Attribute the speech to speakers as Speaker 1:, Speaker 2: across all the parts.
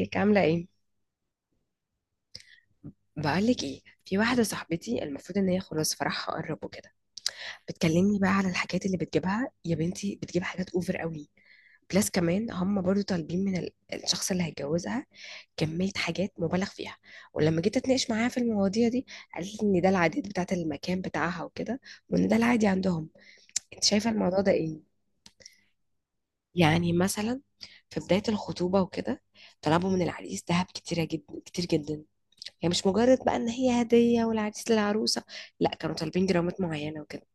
Speaker 1: ازيك عاملة ايه؟ بقولك ايه، في واحدة صاحبتي المفروض ان هي خلاص فرحها قرب وكده، بتكلمني بقى على الحاجات اللي بتجيبها. يا بنتي، بتجيب حاجات اوفر قوي، بلس كمان هم برضو طالبين من الشخص اللي هيتجوزها كمية حاجات مبالغ فيها. ولما جيت اتناقش معاها في المواضيع دي، قالت لي ان ده العادات بتاعة المكان بتاعها وكده، وان ده العادي عندهم. انت شايفة الموضوع ده ايه؟ يعني مثلا في بداية الخطوبة وكده، طلبوا من العريس دهب كتيرة جدا، كتير جدا. يعني مش مجرد بقى ان هي هديه والعريس للعروسه، لا كانوا طالبين جرامات معينه وكده.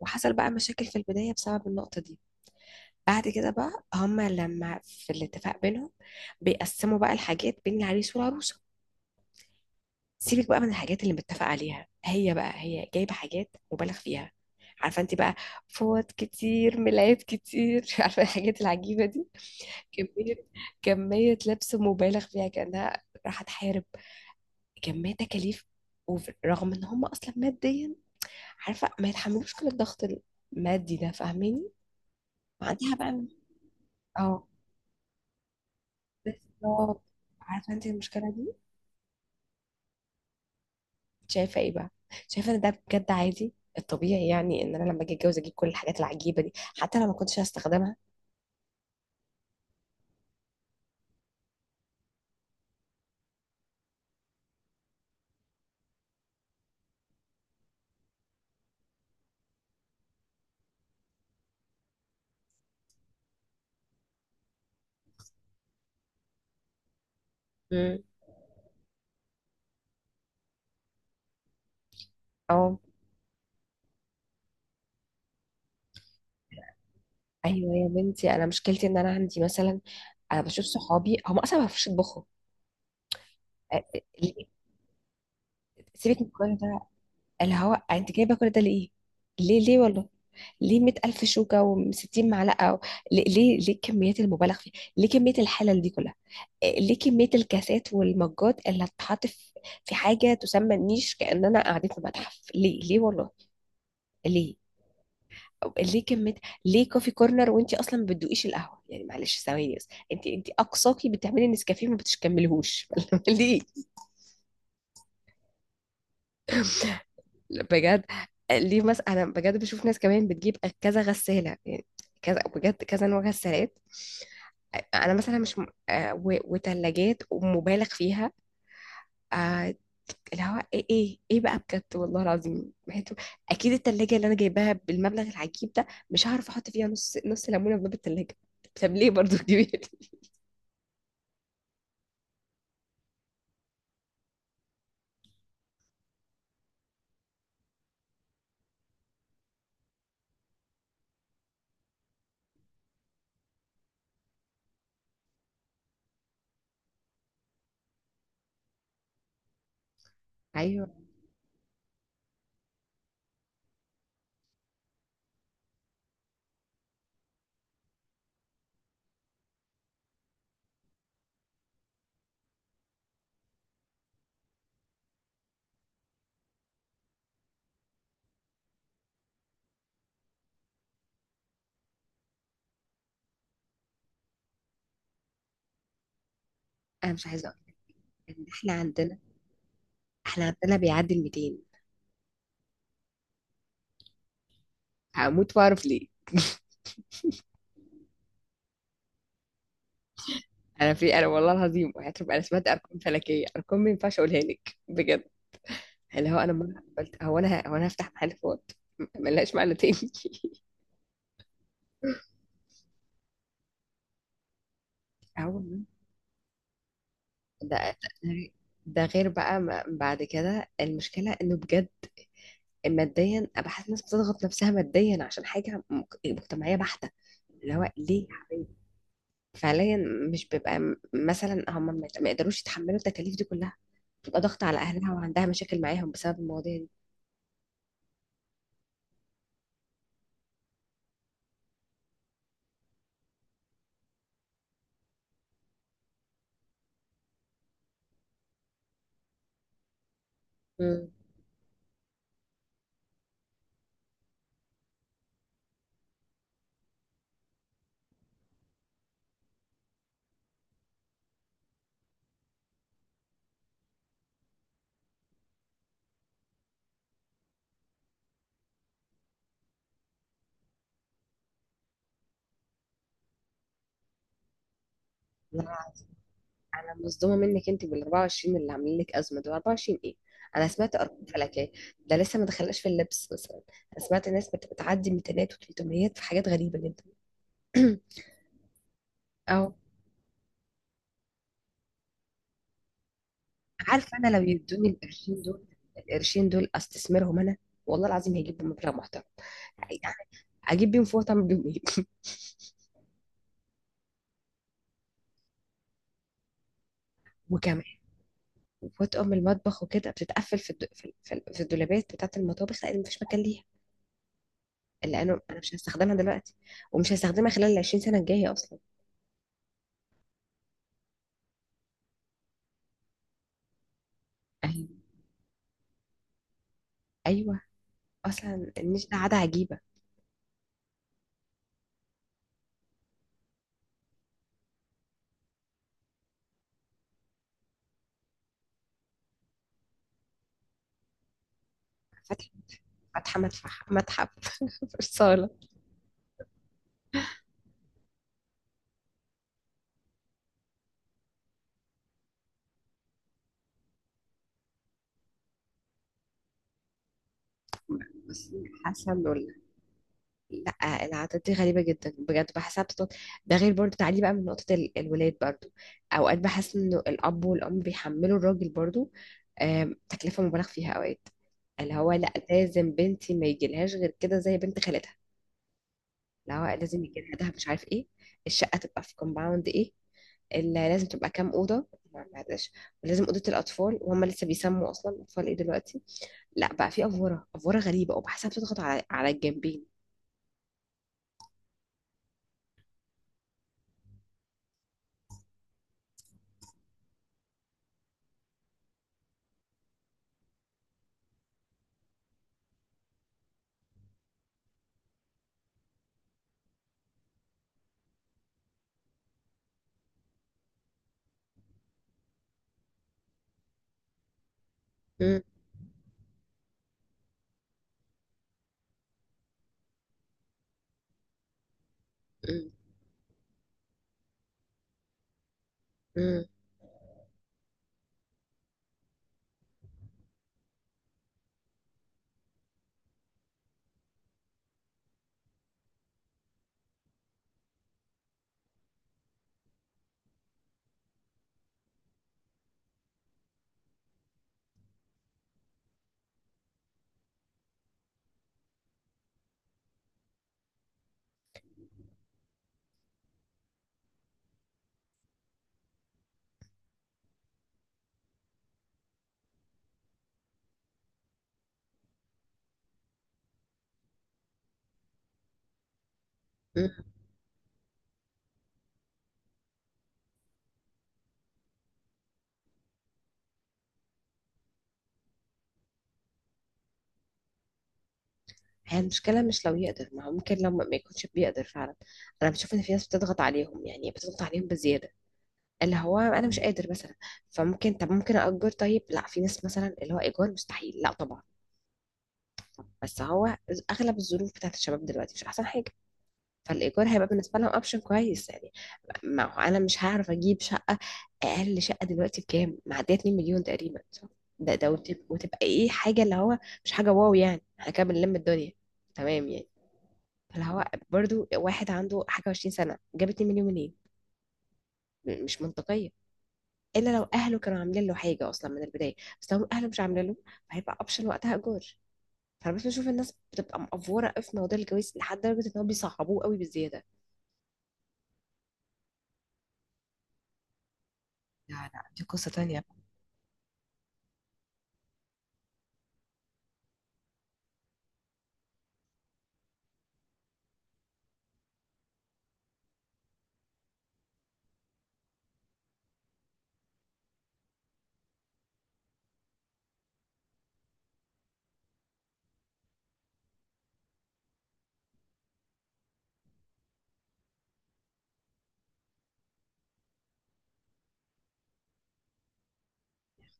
Speaker 1: وحصل بقى مشاكل في البدايه بسبب النقطه دي. بعد كده بقى هما لما في الاتفاق بينهم بيقسموا بقى الحاجات بين العريس والعروسه. سيبك بقى من الحاجات اللي متفق عليها، هي بقى هي جايبه حاجات مبالغ فيها. عارفه انت بقى، فوط كتير، ملايات كتير، عارفه الحاجات العجيبه دي، كميه، كميه لبس مبالغ فيها كانها راح تحارب، كمية تكاليف. ورغم ان هم اصلا ماديا، عارفه، ما يتحملوش كل الضغط المادي ده، فاهماني؟ وعندها بقى، اه بس لو- عارفه انت المشكله دي. شايفه ايه بقى؟ شايفه ان ده بجد عادي الطبيعي؟ يعني ان انا لما اجي اتجوز اجيب كل الحاجات العجيبه دي حتى لو ما كنتش هستخدمها؟ امم اه، ايوه يا بنتي، انا مشكلتي ان انا عندي مثلا، انا بشوف صحابي هم اصلا ما بيعرفوش يطبخوا. ليه؟ سيبك من كل ده. اللي هو انت جايبه كل ده ليه؟ ليه ليه والله، ليه 100,000 شوكة و60 معلقة ليه ليه ليه كميات المبالغ فيها؟ ليه كمية الحلل دي كلها؟ إيه، ليه كمية الكاسات والمجات اللي هتتحط في في حاجة تسمى النيش كأننا قاعدين في متحف؟ ليه ليه والله، ليه؟ أو ليه كمية، ليه كوفي كورنر وانت اصلا ما بتدوقيش القهوه؟ يعني معلش ثواني بس، انت انت اقصاكي بتعملي نسكافيه ما بتكمليهوش، ليه؟ بجد. ليه مثلا انا بجد بشوف ناس كمان بتجيب كذا غسالة؟ يعني كذا بجد، كذا نوع غسالات. انا مثلا مش وتلاجات ومبالغ فيها. آه، اللي هو ايه ايه ايه بقى بجد والله العظيم، اكيد التلاجة اللي انا جايباها بالمبلغ العجيب ده مش هعرف احط فيها نص، نص ليمونة في باب التلاجة. طب ليه برضو كبير؟ ايوه، انا مش عايزه اقول ان احنا عندنا، احنا عندنا بيعدي ال 200. هموت واعرف ليه. انا في، انا والله العظيم، هتبقى انا سمعت ارقام فلكيه، ارقام ما ينفعش اقولها لك بجد. اللي هو انا مرة قلت هو انا، هو انا هفتح محل فوت، ملهاش معنى تاني. هو ده، ده غير بقى ما بعد كده المشكله انه بجد ماديا أنا بحس الناس بتضغط نفسها ماديا عشان حاجه مجتمعيه بحته. اللي هو ليه يا حبيبي؟ فعليا مش بيبقى مثلا هم ما يقدروش يتحملوا التكاليف دي كلها، بتبقى ضغط على اهلها وعندها مشاكل معاهم بسبب المواضيع دي. امم انا مصدومه منك انت بال 24 اللي عاملين لك ازمه. دول 24 ايه؟ انا سمعت ارقام فلكيه. ده لسه ما دخلناش في اللبس مثلا. انا سمعت ناس بتعدي 200 و300 في حاجات غريبه جدا. اهو. عارفه انا لو يدوني القرشين دول، القرشين دول استثمرهم انا، والله العظيم هيجيب مبلغ محترم. يعني اجيب بيهم فوطه؟ اعمل بيهم ايه؟ وكمان فوط ام المطبخ وكده بتتقفل في الد... في ال- في ال- في الدولابات بتاعت المطابخ لان مفيش مكان، لانه انا مش هستخدمها دلوقتي، ومش هستخدمها خلال ال 20 سنه الجايه اصلا. ايوه، ايوه، اصلا النيش ده عاده عجيبه. فاتحه، فاتحه، متفح متحف، في الصاله. بصي، حاسه انه لا، العادات دي غريبه جدا بجد، بحسها بتطلع. ده غير برضو، تعالي بقى من نقطه الولاد برضو، اوقات بحس انه الاب والام بيحملوا الراجل برضو تكلفه مبالغ فيها اوقات. اللي هو لا، لازم بنتي ما يجيلهاش غير كده زي بنت خالتها. اللي هو لازم يجهزها مش عارف ايه. الشقة تبقى في كومباوند ايه، اللي لازم تبقى كام أوضة. ما معلش. ولازم أوضة الأطفال وهم لسه بيسموا أصلا أطفال إيه دلوقتي؟ لا، بقى في أفورة، أفورة غريبة، وبحسها بتضغط على على الجنبين. مم. مم، مم، مم. هي المشكلة مش لو يقدر، ما هو ممكن لو ما يكونش بيقدر فعلا. أنا بشوف إن في ناس بتضغط عليهم، يعني بتضغط عليهم بزيادة. اللي هو أنا مش قادر مثلا، فممكن، طب ممكن أأجر. طيب لا، في ناس مثلا اللي هو إيجار مستحيل. لا طبعا، بس هو اغلب الظروف بتاعت الشباب دلوقتي مش احسن حاجه، فالايجار هيبقى بالنسبه لهم اوبشن كويس يعني. ما هو انا مش هعرف اجيب شقه، اقل شقه دلوقتي بكام؟ معديه 2 مليون تقريبا، صح؟ ده، ده وتبقى ايه، حاجه اللي هو مش حاجه واو، يعني احنا كده بنلم الدنيا، تمام يعني. فاللي هو برضو، واحد عنده حاجه 20 سنه جاب 2 مليون منين؟ مش منطقيه الا لو اهله كانوا عاملين له حاجه اصلا من البدايه، بس لو اهله مش عاملين له فهيبقى اوبشن وقتها ايجار. فانا بس بشوف الناس بتبقى مقفوره قوي في موضوع الجواز لحد درجه ان هم بيصعبوه قوي بزياده. لا لا، دي قصة تانية.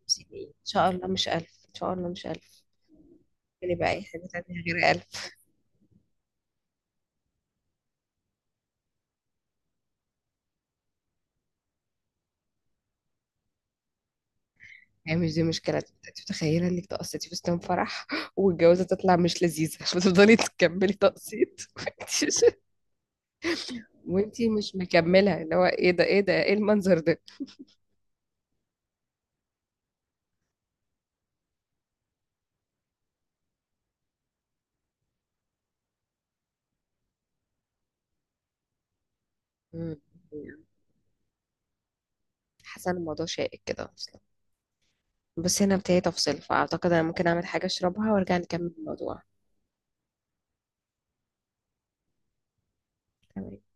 Speaker 1: 50 ايه ان شاء الله؟ مش ألف ان شاء الله، مش ألف. يعني بقى اي حاجه تانية غير ألف؟ يعني مش دي مشكله انت؟ متخيله انك تقسطي فستان فرح، والجوازه تطلع مش لذيذه، فتفضلي تكملي تقسيط، وانتي مش، وإنتي مش مكمله، اللي هو ايه ده، ايه ده، ايه المنظر ده؟ مم. حاسه ان الموضوع شائك كده اصلا، بس هنا بتاعي تفصل، فاعتقد انا ممكن اعمل حاجه اشربها وارجع نكمل الموضوع. تمام.